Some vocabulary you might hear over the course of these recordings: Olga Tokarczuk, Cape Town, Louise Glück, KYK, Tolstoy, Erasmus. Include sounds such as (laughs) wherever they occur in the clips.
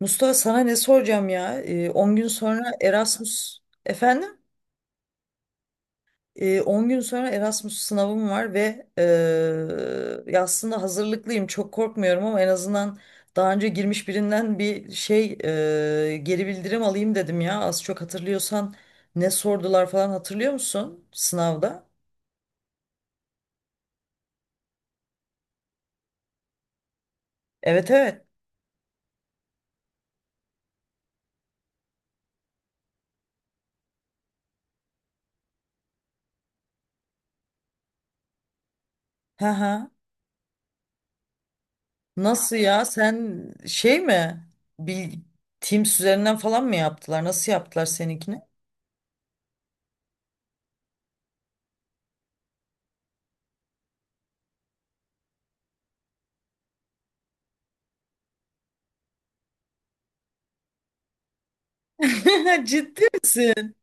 Mustafa sana ne soracağım ya? 10 gün sonra Erasmus efendim? 10 gün sonra Erasmus sınavım var ve ya aslında hazırlıklıyım. Çok korkmuyorum ama en azından daha önce girmiş birinden bir şey geri bildirim alayım dedim ya. Az çok hatırlıyorsan ne sordular falan hatırlıyor musun sınavda? Evet evet. Ha ha. Nasıl ya? Sen şey mi? Bil Teams üzerinden falan mı yaptılar? Nasıl yaptılar seninkini? (laughs) Ciddi misin?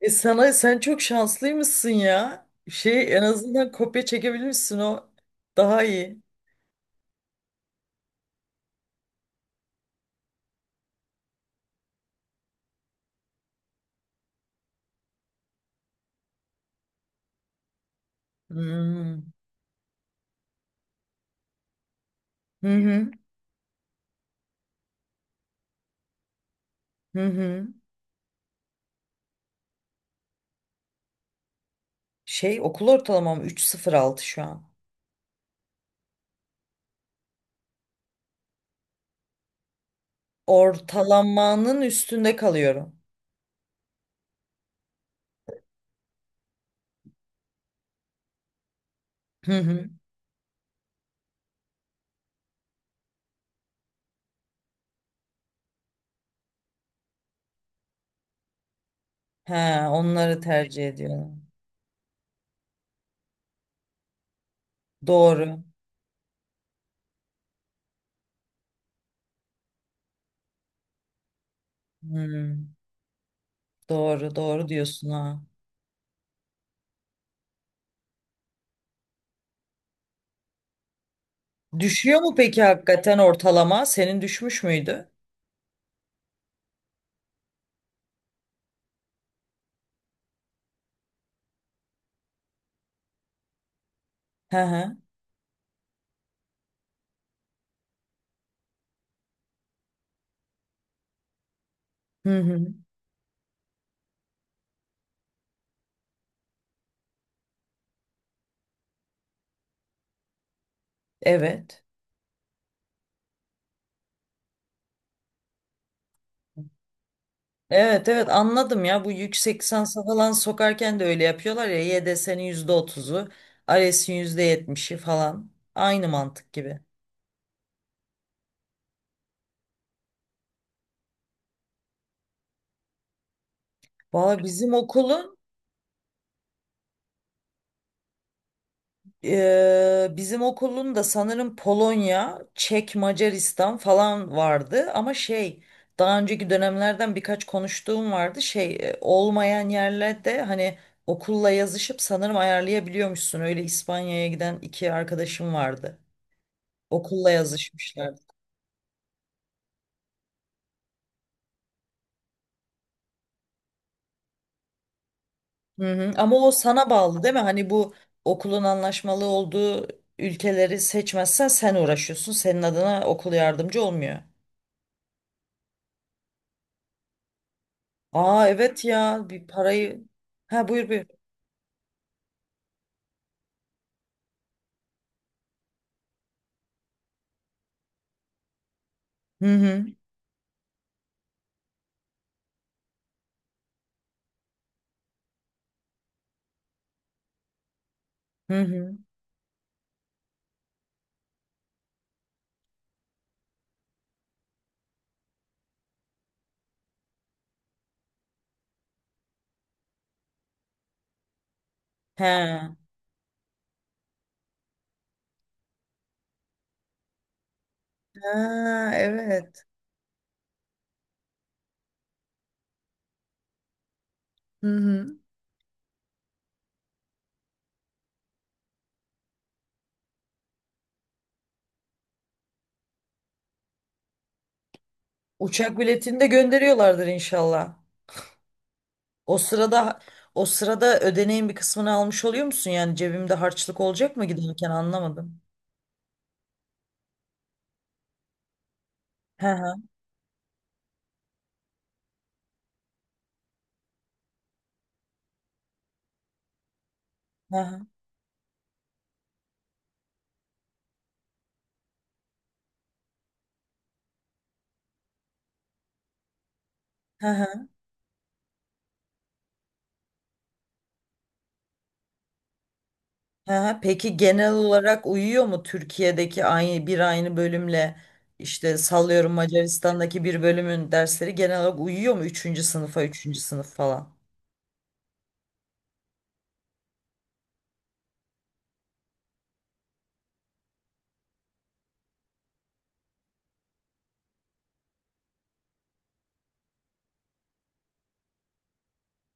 E sana sen çok şanslıymışsın ya. Şey en azından kopya çekebilmişsin o. Daha iyi. Hmm. Hı hı. Hı hı. Şey okul ortalamam 3,06 şu an. Ortalamanın üstünde kalıyorum. Hı hı. He, onları tercih ediyorum. Doğru. Hmm. Doğru, doğru diyorsun ha. Düşüyor mu peki hakikaten ortalama? Senin düşmüş müydü? Hı hı. Hı hı. Evet. Evet evet, anladım ya, bu yüksek lisansa falan sokarken de öyle yapıyorlar ya, YDS'nin %30'u, %30'u %70'i falan, aynı mantık gibi. Valla bizim okulun da sanırım Polonya, Çek, Macaristan falan vardı ama şey, daha önceki dönemlerden birkaç konuştuğum vardı, şey olmayan yerlerde hani okulla yazışıp sanırım ayarlayabiliyormuşsun. Öyle İspanya'ya giden iki arkadaşım vardı, okulla yazışmışlar. Hı hı. Ama o sana bağlı değil mi? Hani bu okulun anlaşmalı olduğu ülkeleri seçmezsen sen uğraşıyorsun. Senin adına okul yardımcı olmuyor. Aa, evet ya, bir parayı. Ha, buyur buyur. Hı hı. Hı hı. He. Ha, evet. Hı hı. Uçak biletini de gönderiyorlardır inşallah. O sırada o sırada ödeneğin bir kısmını almış oluyor musun? Yani cebimde harçlık olacak mı giderken, anlamadım. Hı hı. Hı hı. Ha, peki genel olarak uyuyor mu Türkiye'deki aynı bölümle, işte sallıyorum, Macaristan'daki bir bölümün dersleri genel olarak uyuyor mu üçüncü sınıfa, üçüncü sınıf falan?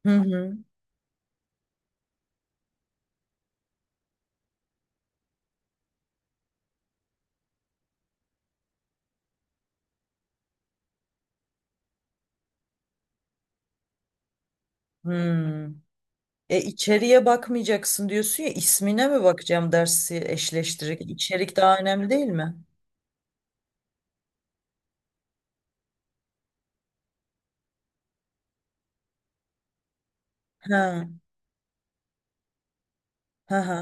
Hı hı. Hmm. E içeriye bakmayacaksın diyorsun ya, ismine mi bakacağım dersi eşleştirirken? İçerik daha önemli değil mi? Ha ha, ha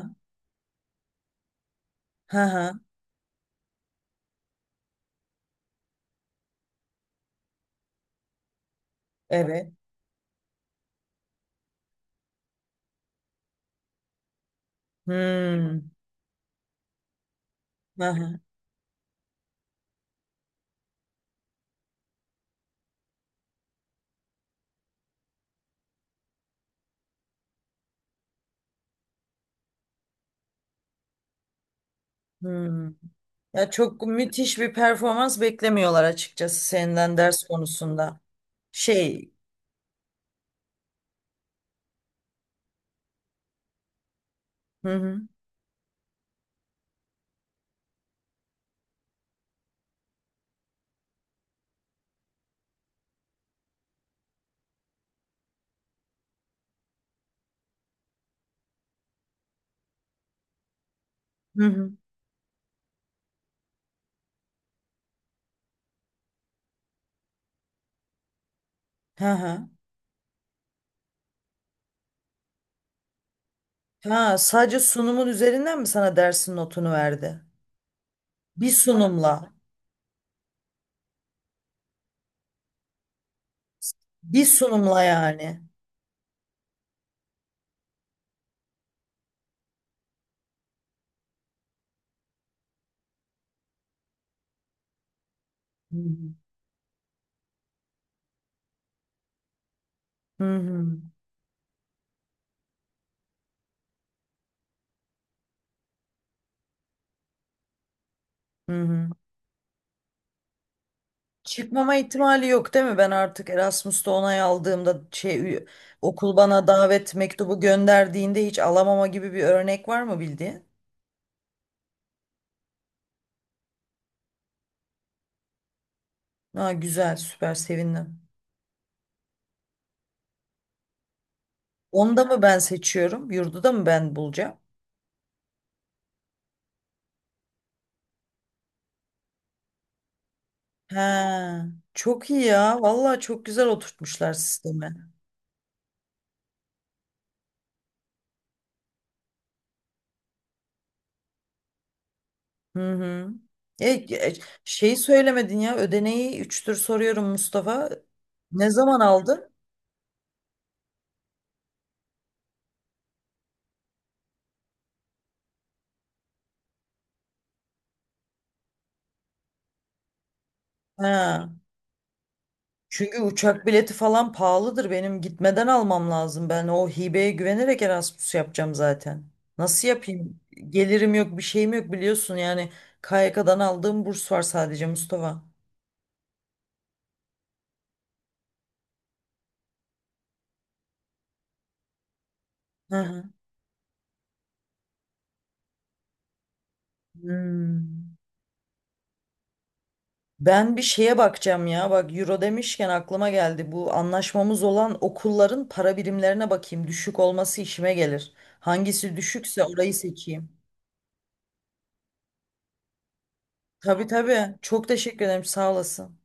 ha ha. Evet. Hmm. Ha ha. Hmm. Ya, çok müthiş bir performans beklemiyorlar açıkçası senden ders konusunda şey Hı hı. Hı hı. Ha ha. Ha, sadece sunumun üzerinden mi sana dersin notunu verdi? Bir sunumla. Bir sunumla yani. Hı hı. Hı hı. Hı hı. Çıkmama ihtimali yok değil mi? Ben artık Erasmus'ta onay aldığımda, okul bana davet mektubu gönderdiğinde hiç alamama gibi bir örnek var mı bildiğin? Ha, güzel, süper, sevindim. Onu da mı ben seçiyorum? Yurdu da mı ben bulacağım? He, çok iyi ya. Vallahi çok güzel oturtmuşlar sistemi. Hı hı. E, e, şeyi söylemedin ya, ödeneği üçtür soruyorum Mustafa. Ne zaman aldın? Ha. Çünkü uçak bileti falan pahalıdır. Benim gitmeden almam lazım. Ben o hibeye güvenerek Erasmus yapacağım zaten. Nasıl yapayım? Gelirim yok, bir şeyim yok biliyorsun. Yani KYK'dan aldığım burs var sadece, Mustafa. Hı hı. Hmm. Ben bir şeye bakacağım ya. Bak, euro demişken aklıma geldi. Bu anlaşmamız olan okulların para birimlerine bakayım. Düşük olması işime gelir. Hangisi düşükse orayı seçeyim. Tabii tabii, çok teşekkür ederim. Sağ olasın.